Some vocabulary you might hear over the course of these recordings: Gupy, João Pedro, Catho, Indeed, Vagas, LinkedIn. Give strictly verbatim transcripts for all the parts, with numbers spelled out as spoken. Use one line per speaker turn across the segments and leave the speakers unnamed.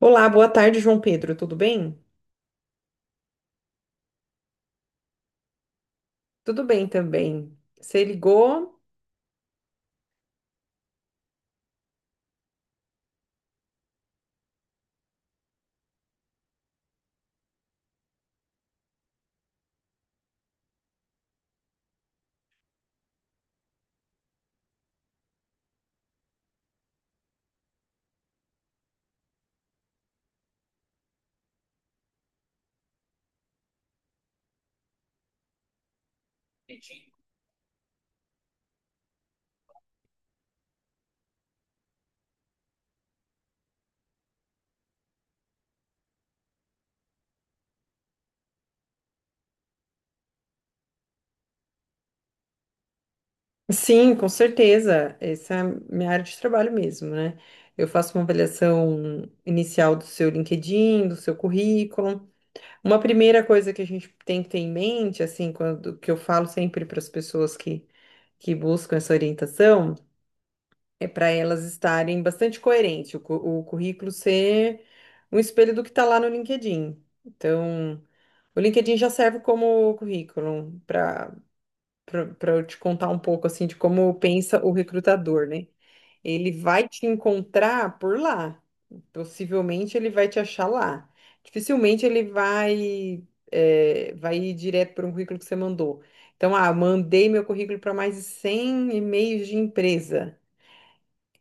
Olá, boa tarde, João Pedro. Tudo bem? Tudo bem também. Você ligou? Sim, com certeza. Essa é a minha área de trabalho mesmo, né? Eu faço uma avaliação inicial do seu LinkedIn, do seu currículo. Uma primeira coisa que a gente tem que ter em mente, assim, quando que eu falo sempre para as pessoas que, que buscam essa orientação, é para elas estarem bastante coerentes, o, cu- o currículo ser um espelho do que está lá no LinkedIn. Então. O LinkedIn já serve como currículo para para eu te contar um pouco assim de como pensa o recrutador, né? Ele vai te encontrar por lá. Possivelmente ele vai te achar lá. Dificilmente ele vai é, vai ir direto para um currículo que você mandou. Então, ah, mandei meu currículo para mais de cem e-mails de empresa,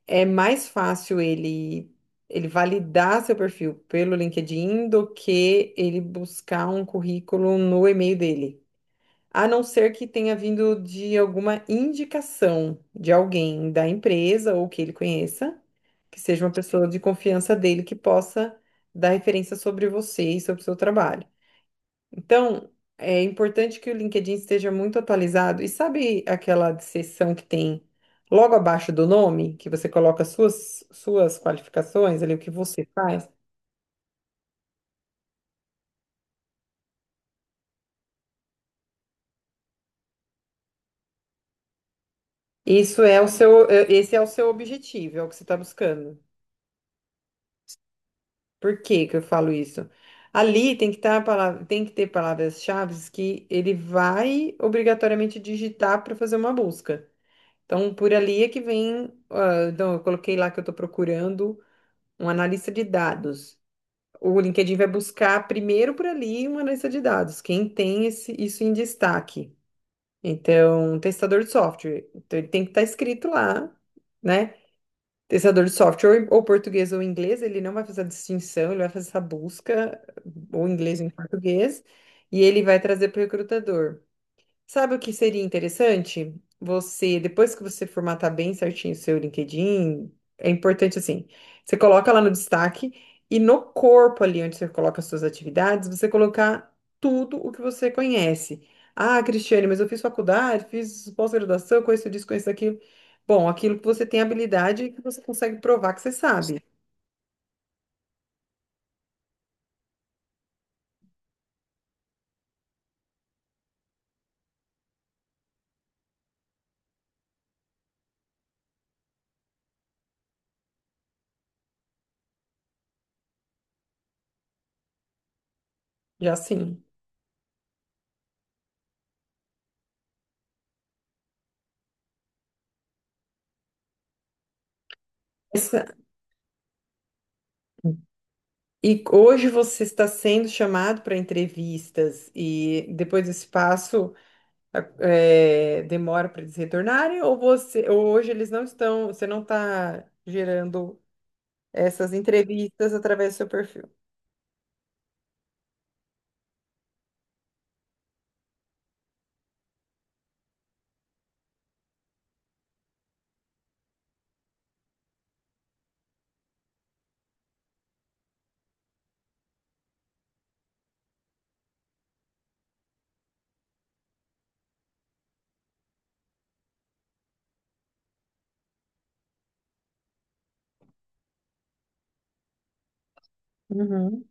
é mais fácil ele ele validar seu perfil pelo LinkedIn do que ele buscar um currículo no e-mail dele. A não ser que tenha vindo de alguma indicação de alguém da empresa ou que ele conheça, que seja uma pessoa de confiança dele que possa dar referência sobre você e sobre o seu trabalho. Então, é importante que o LinkedIn esteja muito atualizado. E sabe aquela seção que tem logo abaixo do nome, que você coloca suas, suas qualificações ali, o que você faz? Isso é o seu, é- esse é o seu objetivo, é o que você está buscando. Por que que eu falo isso? Ali tem que tá a palavra, tem que ter palavras-chave que ele vai obrigatoriamente digitar para fazer uma busca. Então, por ali é que vem. ah, então, eu coloquei lá que eu estou procurando um analista de dados. O LinkedIn vai buscar primeiro por ali uma lista de dados, quem tem esse, isso em destaque. Então, testador de software. Então, ele tem que estar escrito lá, né? Testador de software, ou português ou inglês, ele não vai fazer a distinção, ele vai fazer essa busca, ou inglês ou em português, e ele vai trazer para o recrutador. Sabe o que seria interessante? Você, depois que você formatar bem certinho o seu LinkedIn, é importante assim, você coloca lá no destaque e no corpo ali onde você coloca as suas atividades, você colocar tudo o que você conhece. Ah, Cristiane, mas eu fiz faculdade, fiz pós-graduação, conheço disso, conheço aquilo. Bom, aquilo que você tem habilidade e que você consegue provar que você sabe. Já sim. Essa- E hoje você está sendo chamado para entrevistas e depois do passo é, demora para eles retornarem, ou você ou hoje eles não estão, você não está gerando essas entrevistas através do seu perfil? Uhum.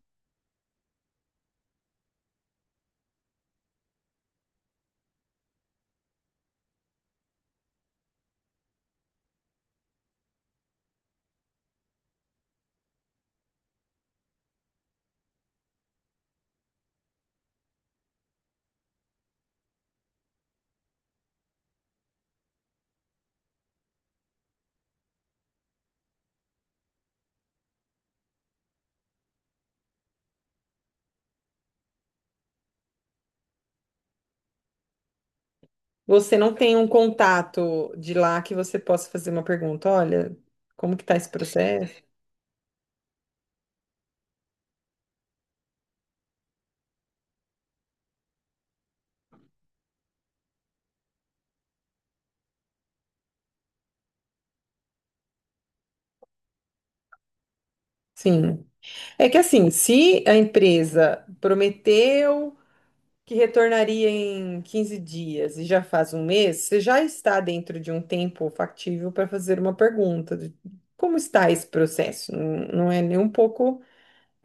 Você não tem um contato de lá que você possa fazer uma pergunta, olha, como que tá esse processo? Sim. É que assim, se a empresa prometeu que retornaria em quinze dias e já faz um mês, você já está dentro de um tempo factível para fazer uma pergunta de como está esse processo? Não não é nem um pouco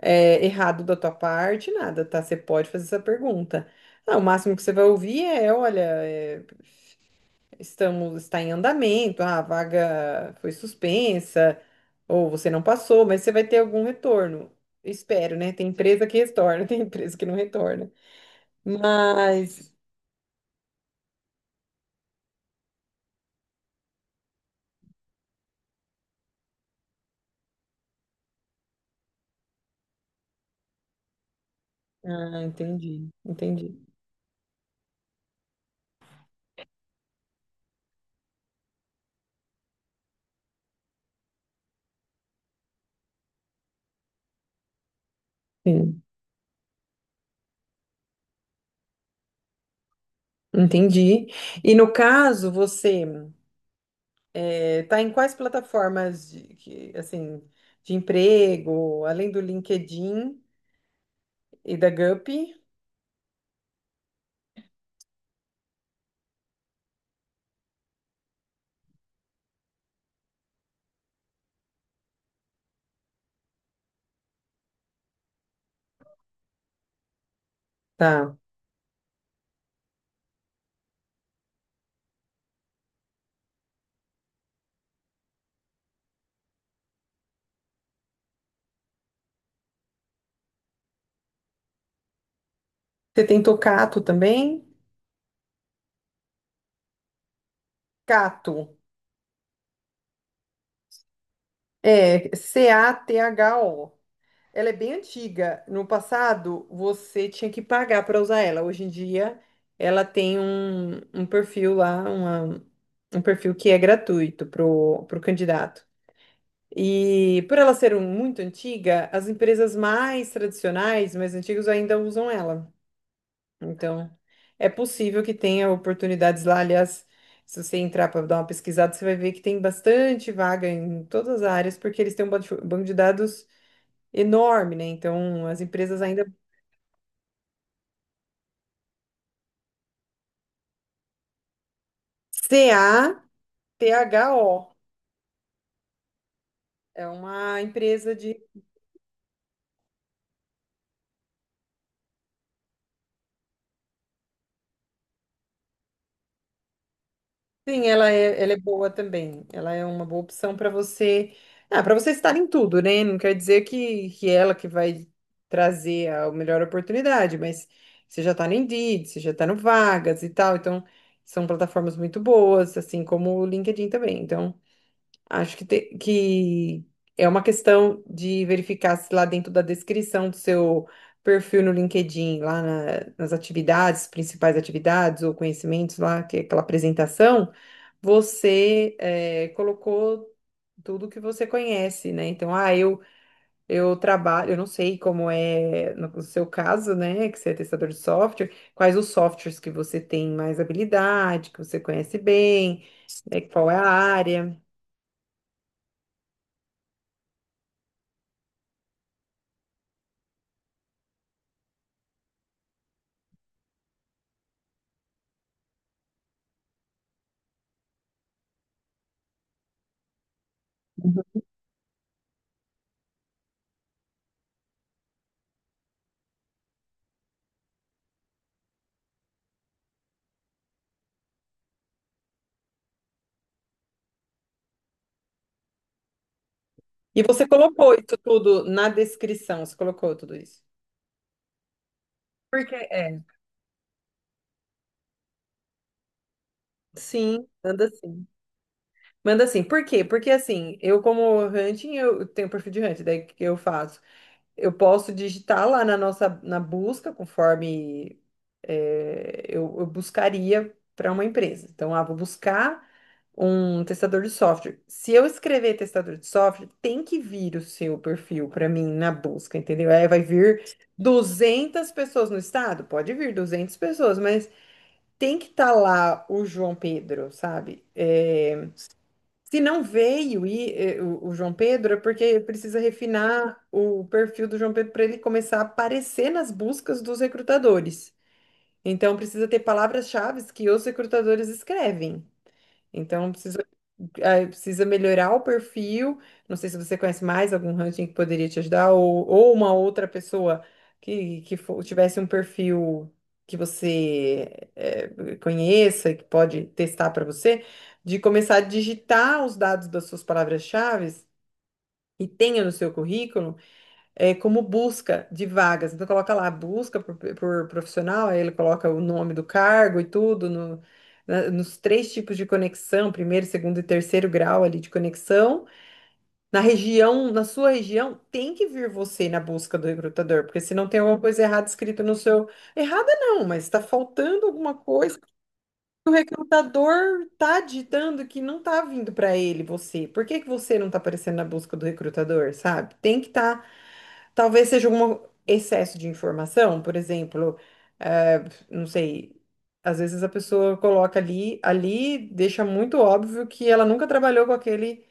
é, errado da tua parte, nada, tá? Você pode fazer essa pergunta. Ah, o máximo que você vai ouvir é, olha, é, estamos, está em andamento, ah, a vaga foi suspensa, ou você não passou, mas você vai ter algum retorno. Espero, né? Tem empresa que retorna, tem empresa que não retorna. Mas. Ah, entendi, entendi. Sim, entendi. E no caso, você está em quais plataformas de, que, assim, de emprego, além do LinkedIn e da Gupy? Tá. Você tem Tocato também? Cato. É, C A T H O. Ela é bem antiga. No passado, você tinha que pagar para usar ela. Hoje em dia, ela tem um, um perfil lá, uma- um perfil que é gratuito pro, pro candidato. E por ela ser um- muito antiga, as empresas mais tradicionais, mais antigas, ainda usam ela. Então, é possível que tenha oportunidades lá. Aliás, se você entrar para dar uma pesquisada, você vai ver que tem bastante vaga em todas as áreas, porque eles têm um banco de banco de dados enorme, né? Então, as empresas ainda. C A P H O é uma empresa de. Sim, ela é, ela é boa também. Ela é uma boa opção para você. Ah, para você estar em tudo, né? Não quer dizer que, que ela que vai trazer a melhor oportunidade, mas você já está no Indeed, você já está no Vagas e tal. Então, são plataformas muito boas, assim como o LinkedIn também. Então. Acho que, te- que é uma questão de verificar se lá dentro da descrição do seu perfil no LinkedIn, lá na- nas atividades, principais atividades ou conhecimentos lá, que é aquela apresentação, você eh, colocou tudo que você conhece, né? Então, ah, eu, eu trabalho, eu não sei como é no seu caso, né, que você é testador de software, quais os softwares que você tem mais habilidade, que você conhece bem, né, qual é a área. E você colocou isso tudo na descrição, você colocou tudo isso. Porque é, Sim, manda sim. Manda sim. Por quê? Porque assim, eu como hunting, eu tenho perfil de hunting, daí o que que eu faço? Eu posso digitar lá na nossa, na busca, conforme eh, eu, eu buscaria para uma empresa. Então, ah, vou buscar um testador de software. Se eu escrever testador de software, tem que vir o seu perfil para mim na busca, entendeu? Aí vai vir duzentas pessoas no estado? Pode vir duzentas pessoas, mas tem que estar lá o João Pedro, sabe? É, se não veio e, é, o, o João Pedro, é porque precisa refinar o perfil do João Pedro para ele começar a aparecer nas buscas dos recrutadores. Então, precisa ter palavras-chave que os recrutadores escrevem. Então, precisa, ah, precisa melhorar o perfil. Não sei se você conhece mais algum ranking que poderia te ajudar, ou, ou uma outra pessoa que, que fo- tivesse um perfil que você eh, conheça, e que pode testar para você, de começar a digitar os dados das suas palavras-chave e tenha no seu currículo é, como busca de vagas. Então, coloca lá, busca por, por profissional, aí ele coloca o nome do cargo e tudo, no- na- nos três tipos de conexão, primeiro, segundo e terceiro grau ali de conexão. Na região, na sua região, tem que vir você na busca do recrutador, porque se não tem alguma coisa errada escrita no seu. Errada não, mas está faltando alguma coisa que o recrutador está digitando que não está vindo para ele, você. Por que que você não está aparecendo na busca do recrutador, sabe? Tem que estar. Talvez seja um excesso de informação, por exemplo, eh, não sei, às vezes a pessoa coloca ali, ali deixa muito óbvio que ela nunca trabalhou com aquele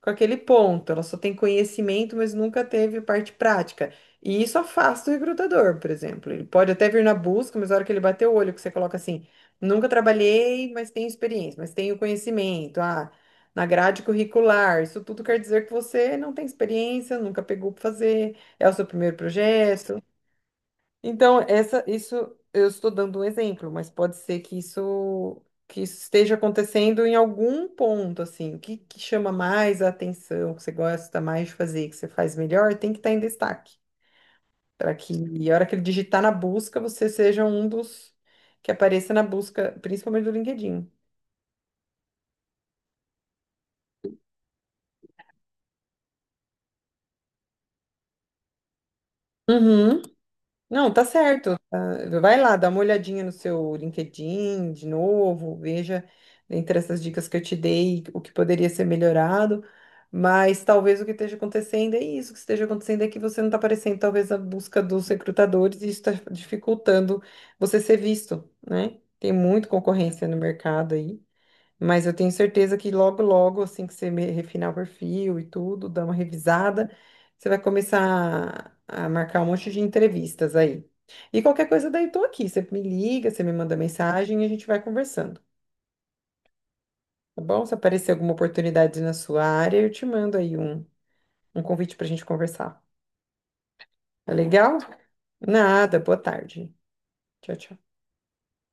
com aquele ponto. Ela só tem conhecimento, mas nunca teve parte prática. E isso afasta o recrutador, por exemplo. Ele pode até vir na busca, mas na hora que ele bater o olho, que você coloca assim, nunca trabalhei, mas tenho experiência, mas tenho conhecimento. Ah, na grade curricular, isso tudo quer dizer que você não tem experiência, nunca pegou para fazer, é o seu primeiro projeto. Então, essa, isso eu estou dando um exemplo, mas pode ser que isso, que isso esteja acontecendo em algum ponto, assim. O que, que chama mais a atenção, que você gosta mais de fazer, que você faz melhor, tem que estar em destaque. Para que, e a hora que ele digitar na busca, você seja um dos que apareça na busca, principalmente do LinkedIn. Uhum. Não, tá certo. Tá. Vai lá, dá uma olhadinha no seu LinkedIn de novo, veja entre essas dicas que eu te dei o que poderia ser melhorado. Mas talvez o que esteja acontecendo é isso, o que esteja acontecendo é que você não está aparecendo, talvez, na busca dos recrutadores e isso está dificultando você ser visto, né? Tem muita concorrência no mercado aí. Mas eu tenho certeza que logo, logo, assim que você me- refinar o perfil e tudo, dar uma revisada, você vai começar a a marcar um monte de entrevistas aí. E qualquer coisa daí, tô aqui. Você me liga, você me manda mensagem e a gente vai conversando, tá bom? Se aparecer alguma oportunidade na sua área, eu te mando aí um, um convite pra gente conversar. Tá legal? Nada, boa tarde. Tchau, tchau.